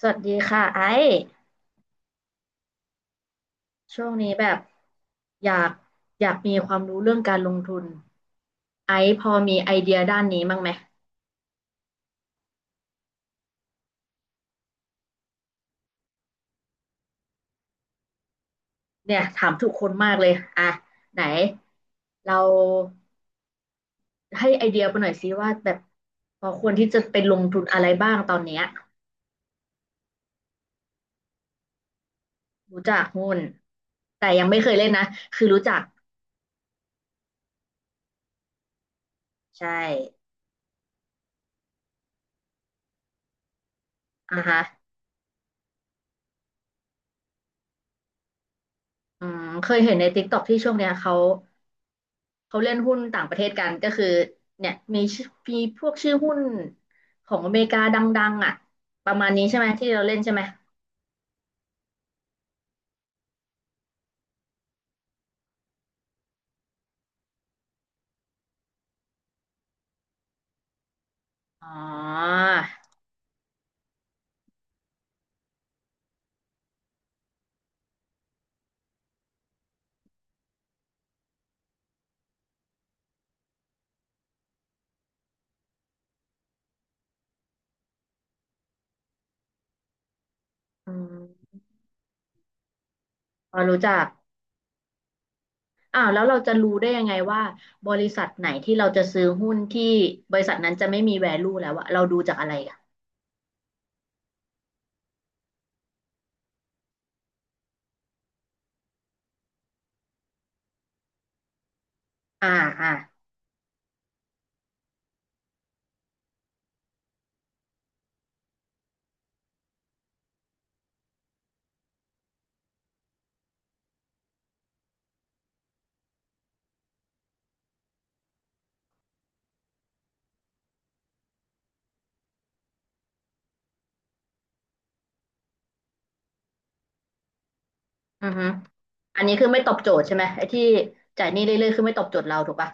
สวัสดีค่ะไอ้ช่วงนี้แบบอยากอยากมีความรู้เรื่องการลงทุนไอ้พอมีไอเดียด้านนี้บ้างไหมเนี่ยถามทุกคนมากเลยอ่ะไหนเราให้ไอเดียไปหน่อยซิว่าแบบพอควรที่จะไปลงทุนอะไรบ้างตอนเนี้ยรู้จักหุ้นแต่ยังไม่เคยเล่นนะคือรู้จักใช่อ่ะฮะอืมเคยเห็นใน t i k ตอ k ที่ช่วงเนี้ยเขาเล่นหุ้นต่างประเทศกันก็คือเนี่ยมีชื่อมีพวกชื่อหุ้นของอเมริกาดังๆอ่ะประมาณนี้ใช่ไหมที่เราเล่นใช่ไหมอ๋ออืมพอรู้จักอ้าวแล้วเราจะรู้ได้ยังไงว่าบริษัทไหนที่เราจะซื้อหุ้นที่บริษัทนั้นจะไม่มี value แล้วอะเราดูจากอะไรอะอ่าอ่าอือฮึอันนี้คือไม่ตอบโจทย์ใช่ไหมไอ้ที่จ่ายหนี้เรื่อยๆคือไม่ตอบโจทย์เราถูกปะ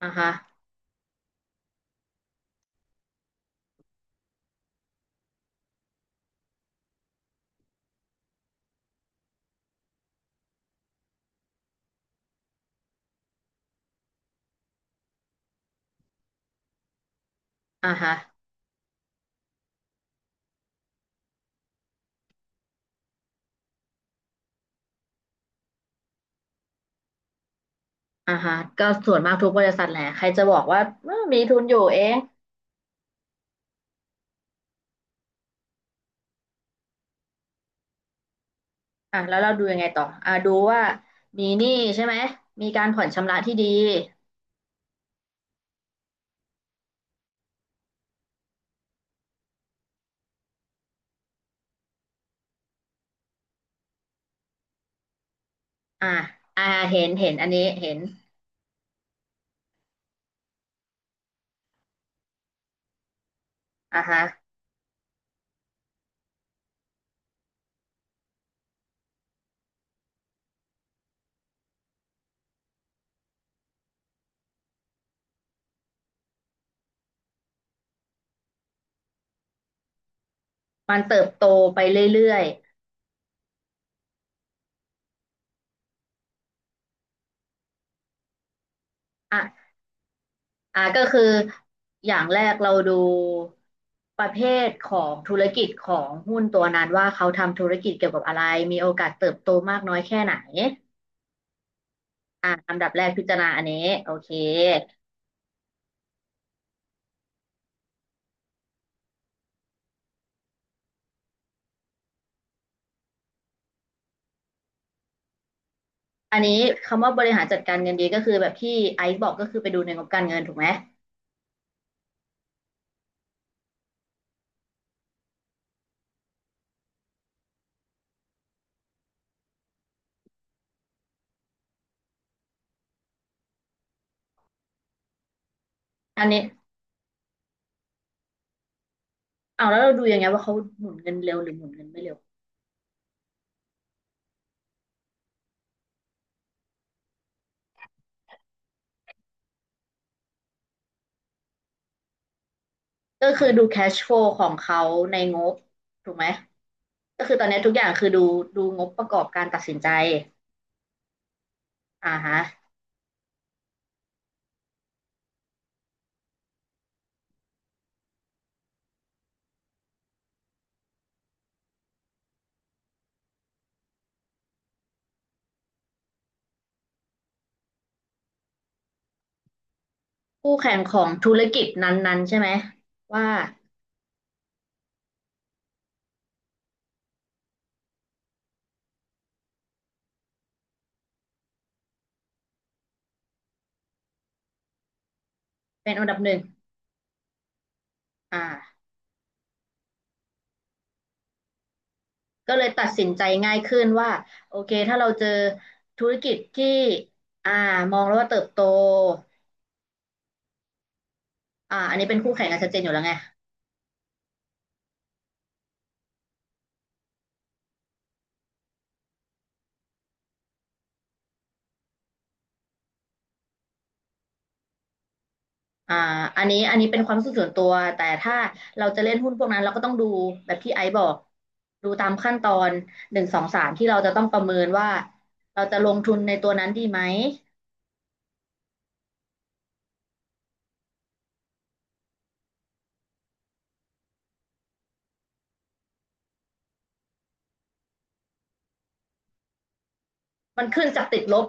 อ่าฮะอ่าฮะอ่าฮะก็ส่วนมากทุกบริษัทแหละใครจะบอกว่าเอ้อมีทุนอยู่เอง อ่ะแล้วเราดูยังไงต่ออ่ะดูว่ามีหนี้ใช่ไหมมีการผ่อนชำระที่ดีอ่ะอ่ะเห็นอันนี้เห็นอ่ะฮะมันเติบโตไปเรื่อยๆอ่ะอ่ะก็คืออย่างแรกเราดูประเภทของธุรกิจของหุ้นตัวนั้นว่าเขาทำธุรกิจเกี่ยวกับอะไรมีโอกาสเติบโตมากน้อยแค่ไหนอ่ะอันดับแรกพิจารณาอันนี้โอเคอันนี้คำว่าบริหารจัดการเงินดีก็คือแบบที่ไอซ์บอกก็คือไปดูในงบการเงินถูกไหมอันนี้ เอาวแล้วเราดูยังไงว่าเขาหมุนเงินเร็วหรือหมุนเงินไม่เร็วก็คือดู cash flow ของเขาในงบถูกไหมก็คือตอนนี้ทุกอย่างคือดูดูงบประกอบการตัดสินใจอ่าฮะคู่แข่งของธุรกิจนั้นๆใช่ไหมว่าเป็นอันดับหนึ่งอ่าก็เลยตัดสินใจง่ายขึ้นว่าโอเคถ้าเราเจอธุรกิจที่อ่ามองแล้วว่าเติบโตอ่าอันนี้เป็นคู่แข่งกันชัดเจนอยู่แล้วไง อ่าอันนี้เป็นความรู้สึกส่วนตัวแต่ถ้าเราจะเล่นหุ้นพวกนั้นเราก็ต้องดูแบบที่ไอซ์บอกดูตามขั้นตอนหนึ่งสองสามที่เราจะต้องประเมินว่าเราจะลงทุนในตัวนั้นดีไหมมันขึ้นจากติดลบ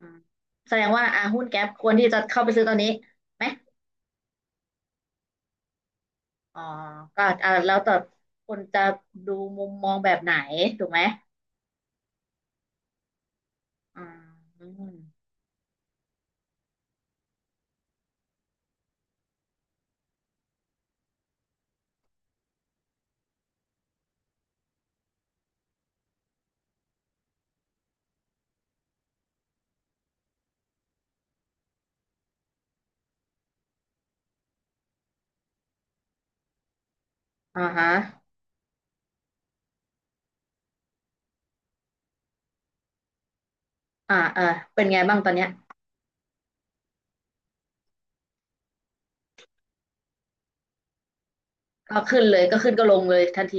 อืมแสดงว่าอ่าหุ้นแก๊ปควรที่จะเข้าไปซื้อตอนนี้ไหมอ๋อก็อ่าแล้วแต่คนจะดูมุมมองแบบไหนถูกไหมอืมอ่าฮะอ่าเออเป็นไงบ้างตอนเนี้ยก็ขึ้นเลยก็ขึ้นก็ลงเลยทันที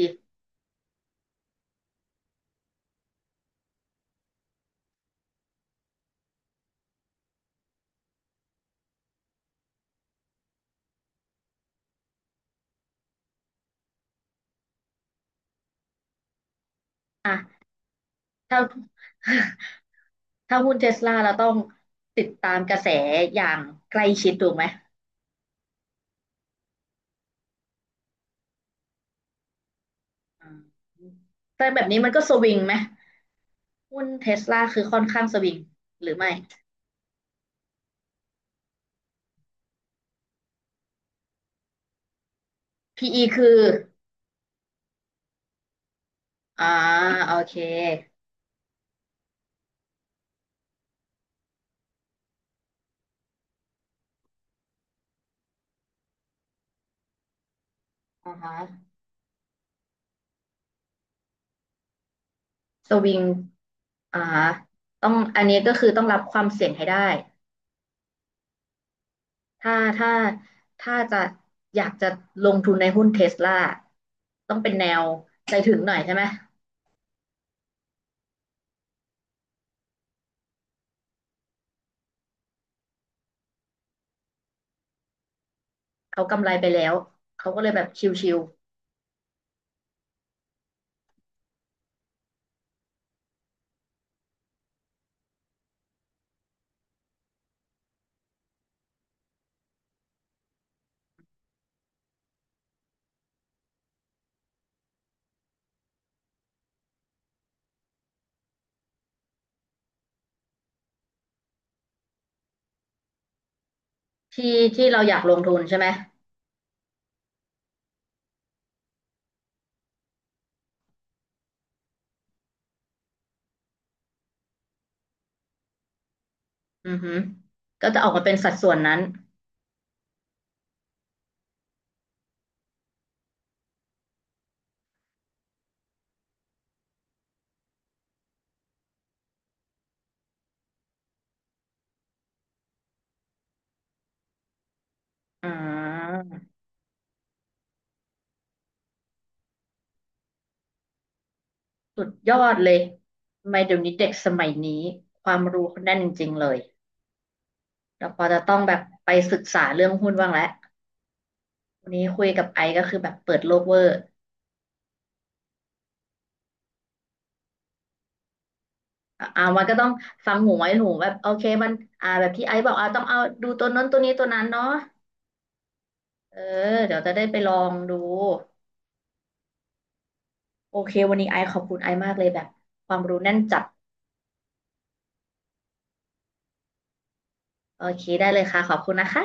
อ่ะถ้า ถ้าหุ้นเทสลาเราต้องติดตามกระแสอย่างใกล้ชิดถูกไหมอืมแต่แบบนี้มันก็สวิงไหมหุ้นเทสลาคือค่อนข้างสวิงหรือไม่ PE คืออ่าโอเคอ่าฮะสวิงอ่าต้องอันนี้ก็คือต้องรับความเสี่ยงให้ได้ ถ้าถ้าถ้าจะอยากจะลงทุนในหุ้นเทสลาต้องเป็นแนวใจถึงหน่อยใช่ไหมเขากำไรไปแล้วเขาก็เลยแบบชิว ที่ที่เราอยากลงทุนใช่ไหม อือฮึก็จะออกมาเป็นสัดส่วนนั้นอ่าสุดยอดเลยทำไมเดี๋ยวนี้เด็กสมัยนี้ ความรู้เขาแน่นจริงๆเลยเราพอจะต้องแบบไปศึกษาเรื่องหุ้นบ้างแล้ว วันนี้คุยกับไอซ์ก็คือแบบเปิดโลกเวอร์อ่ะอ่ามันก็ต้องฟังหูไว้หูแบบโอเคมันอ่าแบบที่ไอซ์บอกอ่าต้องเอาดูตัวนั้นตัวนี้ตัวนั้นเนาะเออเดี๋ยวจะได้ไปลองดูโอเควันนี้ไอซ์ขอบคุณไอซ์มากเลยแบบความรู้แน่นจัดโอเคได้เลยค่ะขอบคุณนะคะ